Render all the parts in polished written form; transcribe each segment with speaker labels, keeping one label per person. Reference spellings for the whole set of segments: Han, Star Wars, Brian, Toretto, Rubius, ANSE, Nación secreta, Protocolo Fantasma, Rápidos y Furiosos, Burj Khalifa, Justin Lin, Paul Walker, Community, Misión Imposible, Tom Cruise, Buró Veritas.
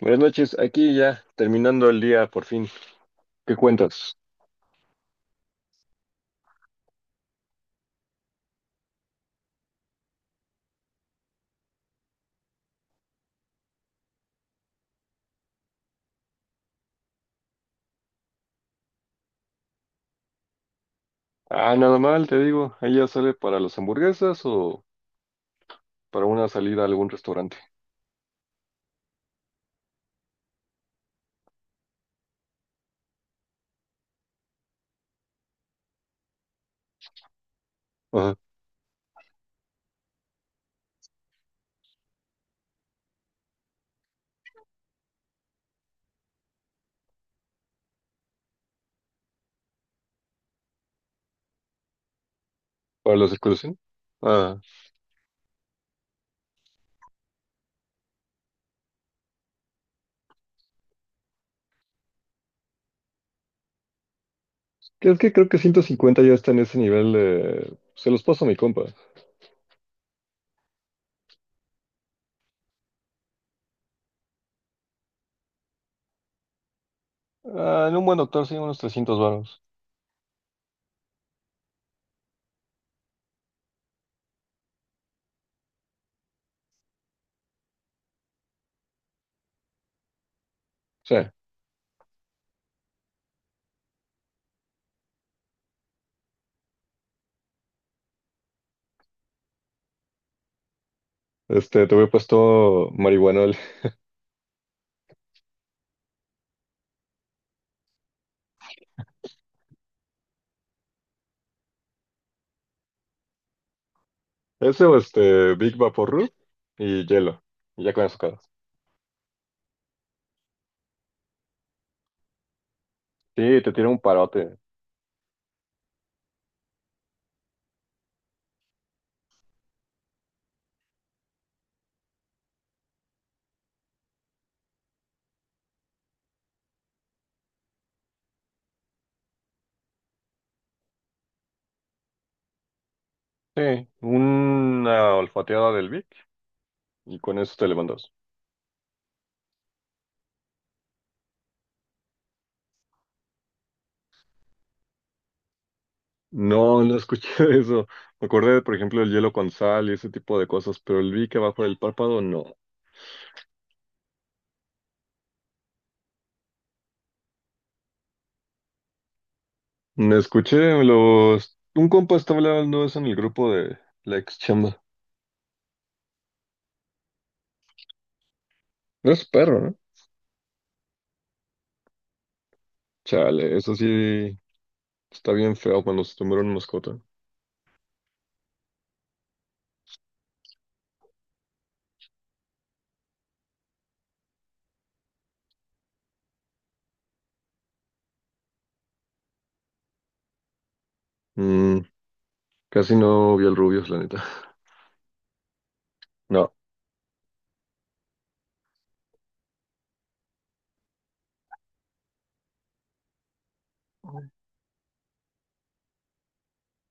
Speaker 1: Buenas noches, aquí ya terminando el día por fin. ¿Qué cuentas? Ah, nada mal, te digo. ¿Ella sale para las hamburguesas o para una salida a algún restaurante? Ajá. ¿Para la circulación? Ah. Es que creo que 150 ya está en ese nivel de. Se los paso a mi compa. Ah, en un buen doctor sí, unos 300 varos. Sí. Te voy puesto marihuanol. Ese o este, Big Vaporub y hielo. Y ya con eso acabas. Sí, te tira un parote. Sí, una olfateada del Vic y con eso te levantas. No, no escuché de eso. Me acordé, por ejemplo, del hielo con sal y ese tipo de cosas, pero el Vic abajo del párpado, no. No escuché los. Un compa estaba hablando de eso en el grupo de la ex chamba. No es perro, ¿no? Chale, eso sí está bien feo cuando se tomaron mascota. Mm, Casi no vi al Rubius, la neta. No.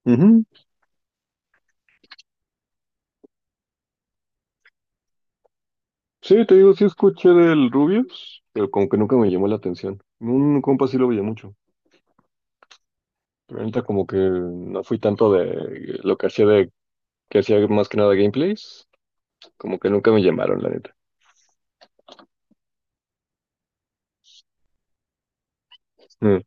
Speaker 1: Ujú. Sí, te digo, sí escuché del Rubius, pero como que nunca me llamó la atención. Un compa sí lo veía mucho. Pero ahorita como que no fui tanto de lo que hacía de que hacía más que nada gameplays, como que nunca me llamaron, la neta. Mm.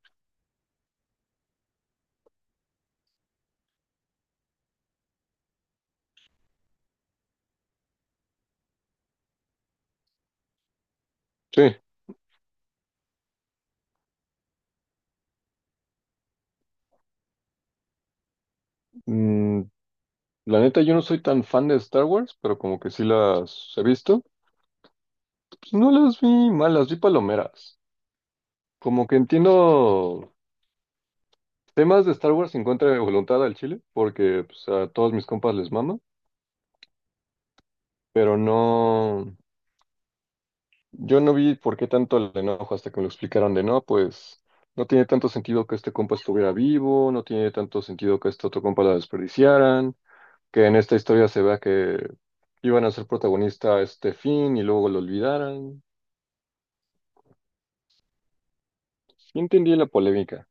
Speaker 1: Sí. Mm, la neta yo no soy tan fan de Star Wars, pero como que sí las he visto. Pues no las vi malas, vi palomeras. Como que entiendo temas de Star Wars en contra de voluntad al chile, porque pues, a todos mis compas les mama, pero no. Yo no vi por qué tanto el enojo hasta que me lo explicaron de no, pues no tiene tanto sentido que este compa estuviera vivo, no tiene tanto sentido que este otro compa la desperdiciaran, que en esta historia se vea que iban a ser protagonista a este fin y luego lo olvidaran. Sí entendí la polémica.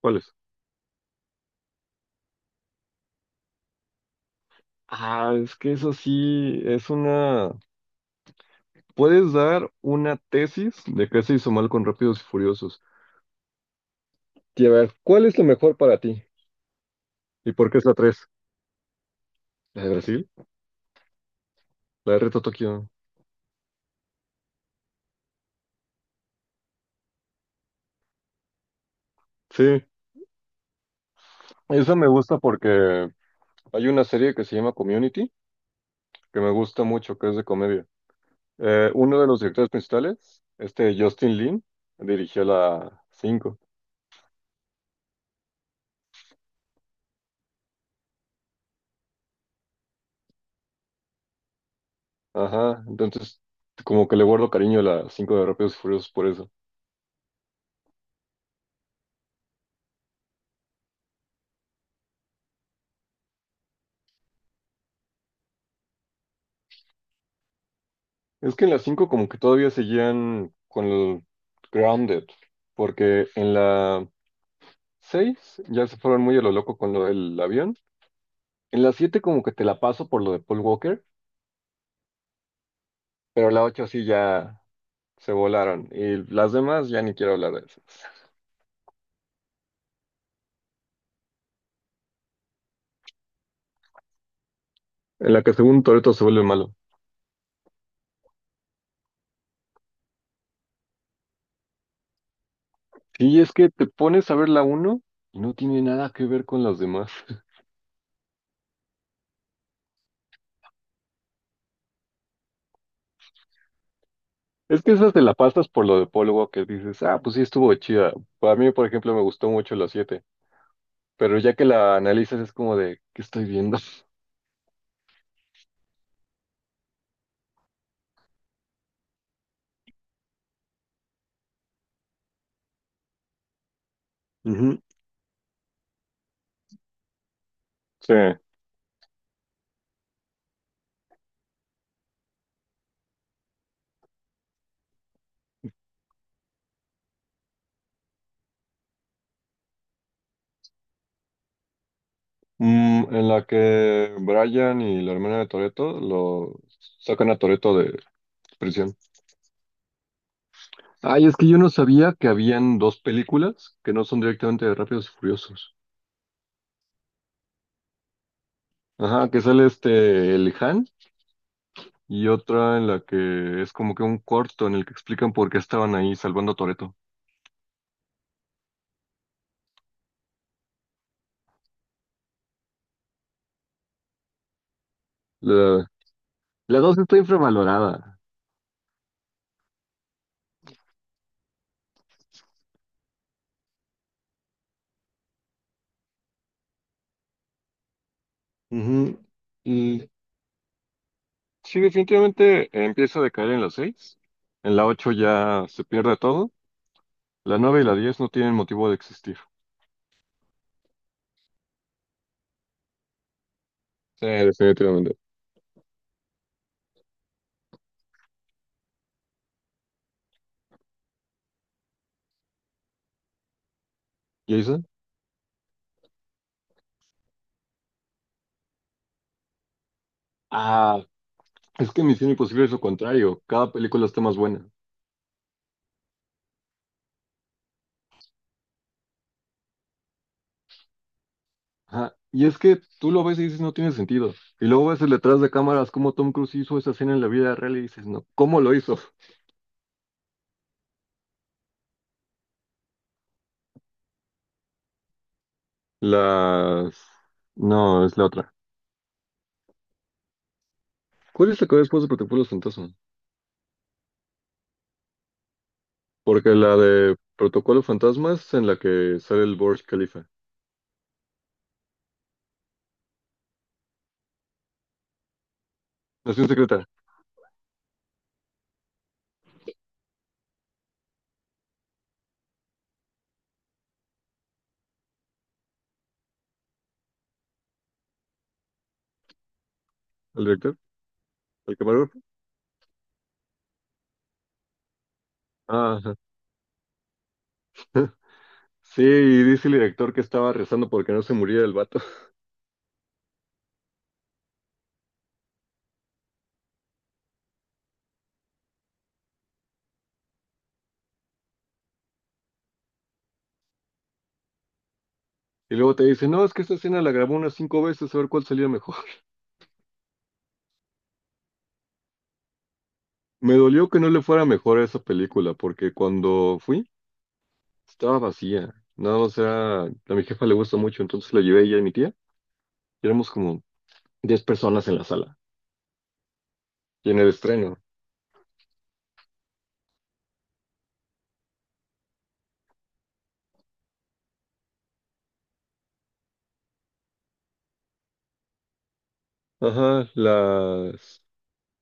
Speaker 1: ¿Cuál es? Ah, es que eso sí es una. Puedes dar una tesis de qué se hizo mal con Rápidos y Furiosos. Y a ver, ¿cuál es lo mejor para ti? ¿Y por qué es la 3? ¿La de Brasil? ¿La de Reto Tokio? Sí. Eso me gusta porque hay una serie que se llama Community, que me gusta mucho, que es de comedia. Uno de los directores principales, Justin Lin, dirigió la 5. Ajá, entonces como que le guardo cariño a la 5 de Rápidos y Furiosos por eso. Es que en la 5 como que todavía seguían con el Grounded, porque en la 6 ya se fueron muy a lo loco con lo del avión. En la 7 como que te la paso por lo de Paul Walker, pero la 8 sí ya se volaron. Y las demás ya ni quiero hablar de esas. En la que según Toretto se vuelve malo. Sí, es que te pones a ver la uno y no tiene nada que ver con las demás. Es que esas te la pasas por lo de Paul Walker. Dices, ah, pues sí estuvo chida. Para mí, por ejemplo, me gustó mucho la siete. Pero ya que la analizas es como de, ¿qué estoy viendo? Ujú. Sí. En la que Brian y la hermana de Toretto lo sacan a Toretto de prisión. Ay, es que yo no sabía que habían dos películas que no son directamente de Rápidos y Furiosos. Ajá, que sale el Han, y otra en la que es como que un corto en el que explican por qué estaban ahí salvando a Toretto. La, la dos está infravalorada. Ujú. Y sí, definitivamente empieza a decaer en la seis. En la ocho ya se pierde todo. La nueve y la 10 no tienen motivo de existir. Sí, definitivamente. ¿Y Jason? Ah, es que Misión Imposible es lo contrario. Cada película está más buena. Ajá. Y es que tú lo ves y dices, no tiene sentido. Y luego ves el detrás de cámaras cómo Tom Cruise hizo esa escena en la vida real y dices, no, ¿cómo lo hizo? Las. No, es la otra. ¿Cuál es la que va después de Protocolo Fantasma? Porque la de Protocolo Fantasma es en la que sale el Burj Khalifa. Nación secreta. ¿El director? ¿El camarógrafo? Ah, ajá. Sí, y dice el director que estaba rezando porque no se muriera el vato. Y luego te dice, no, es que esta escena la grabó unas 5 veces a ver cuál salía mejor. Me dolió que no le fuera mejor a esa película, porque cuando fui, estaba vacía. Nada más era, a mi jefa le gusta mucho, entonces la llevé ella y mi tía. Y éramos como 10 personas en la sala. Y en el estreno. Ajá, las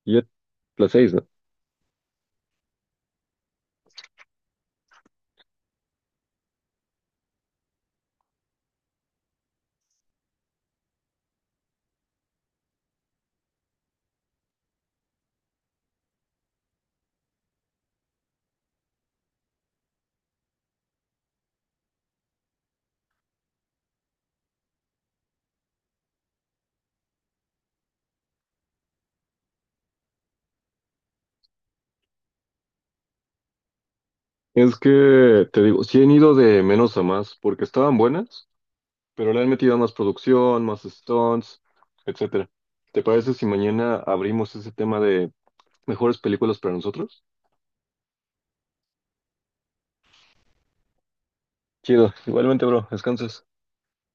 Speaker 1: siete- las seis, ¿no? Es que, te digo, sí han ido de menos a más, porque estaban buenas, pero le han metido más producción, más stunts, etcétera. ¿Te parece si mañana abrimos ese tema de mejores películas para nosotros? Chido, igualmente, bro, descansas.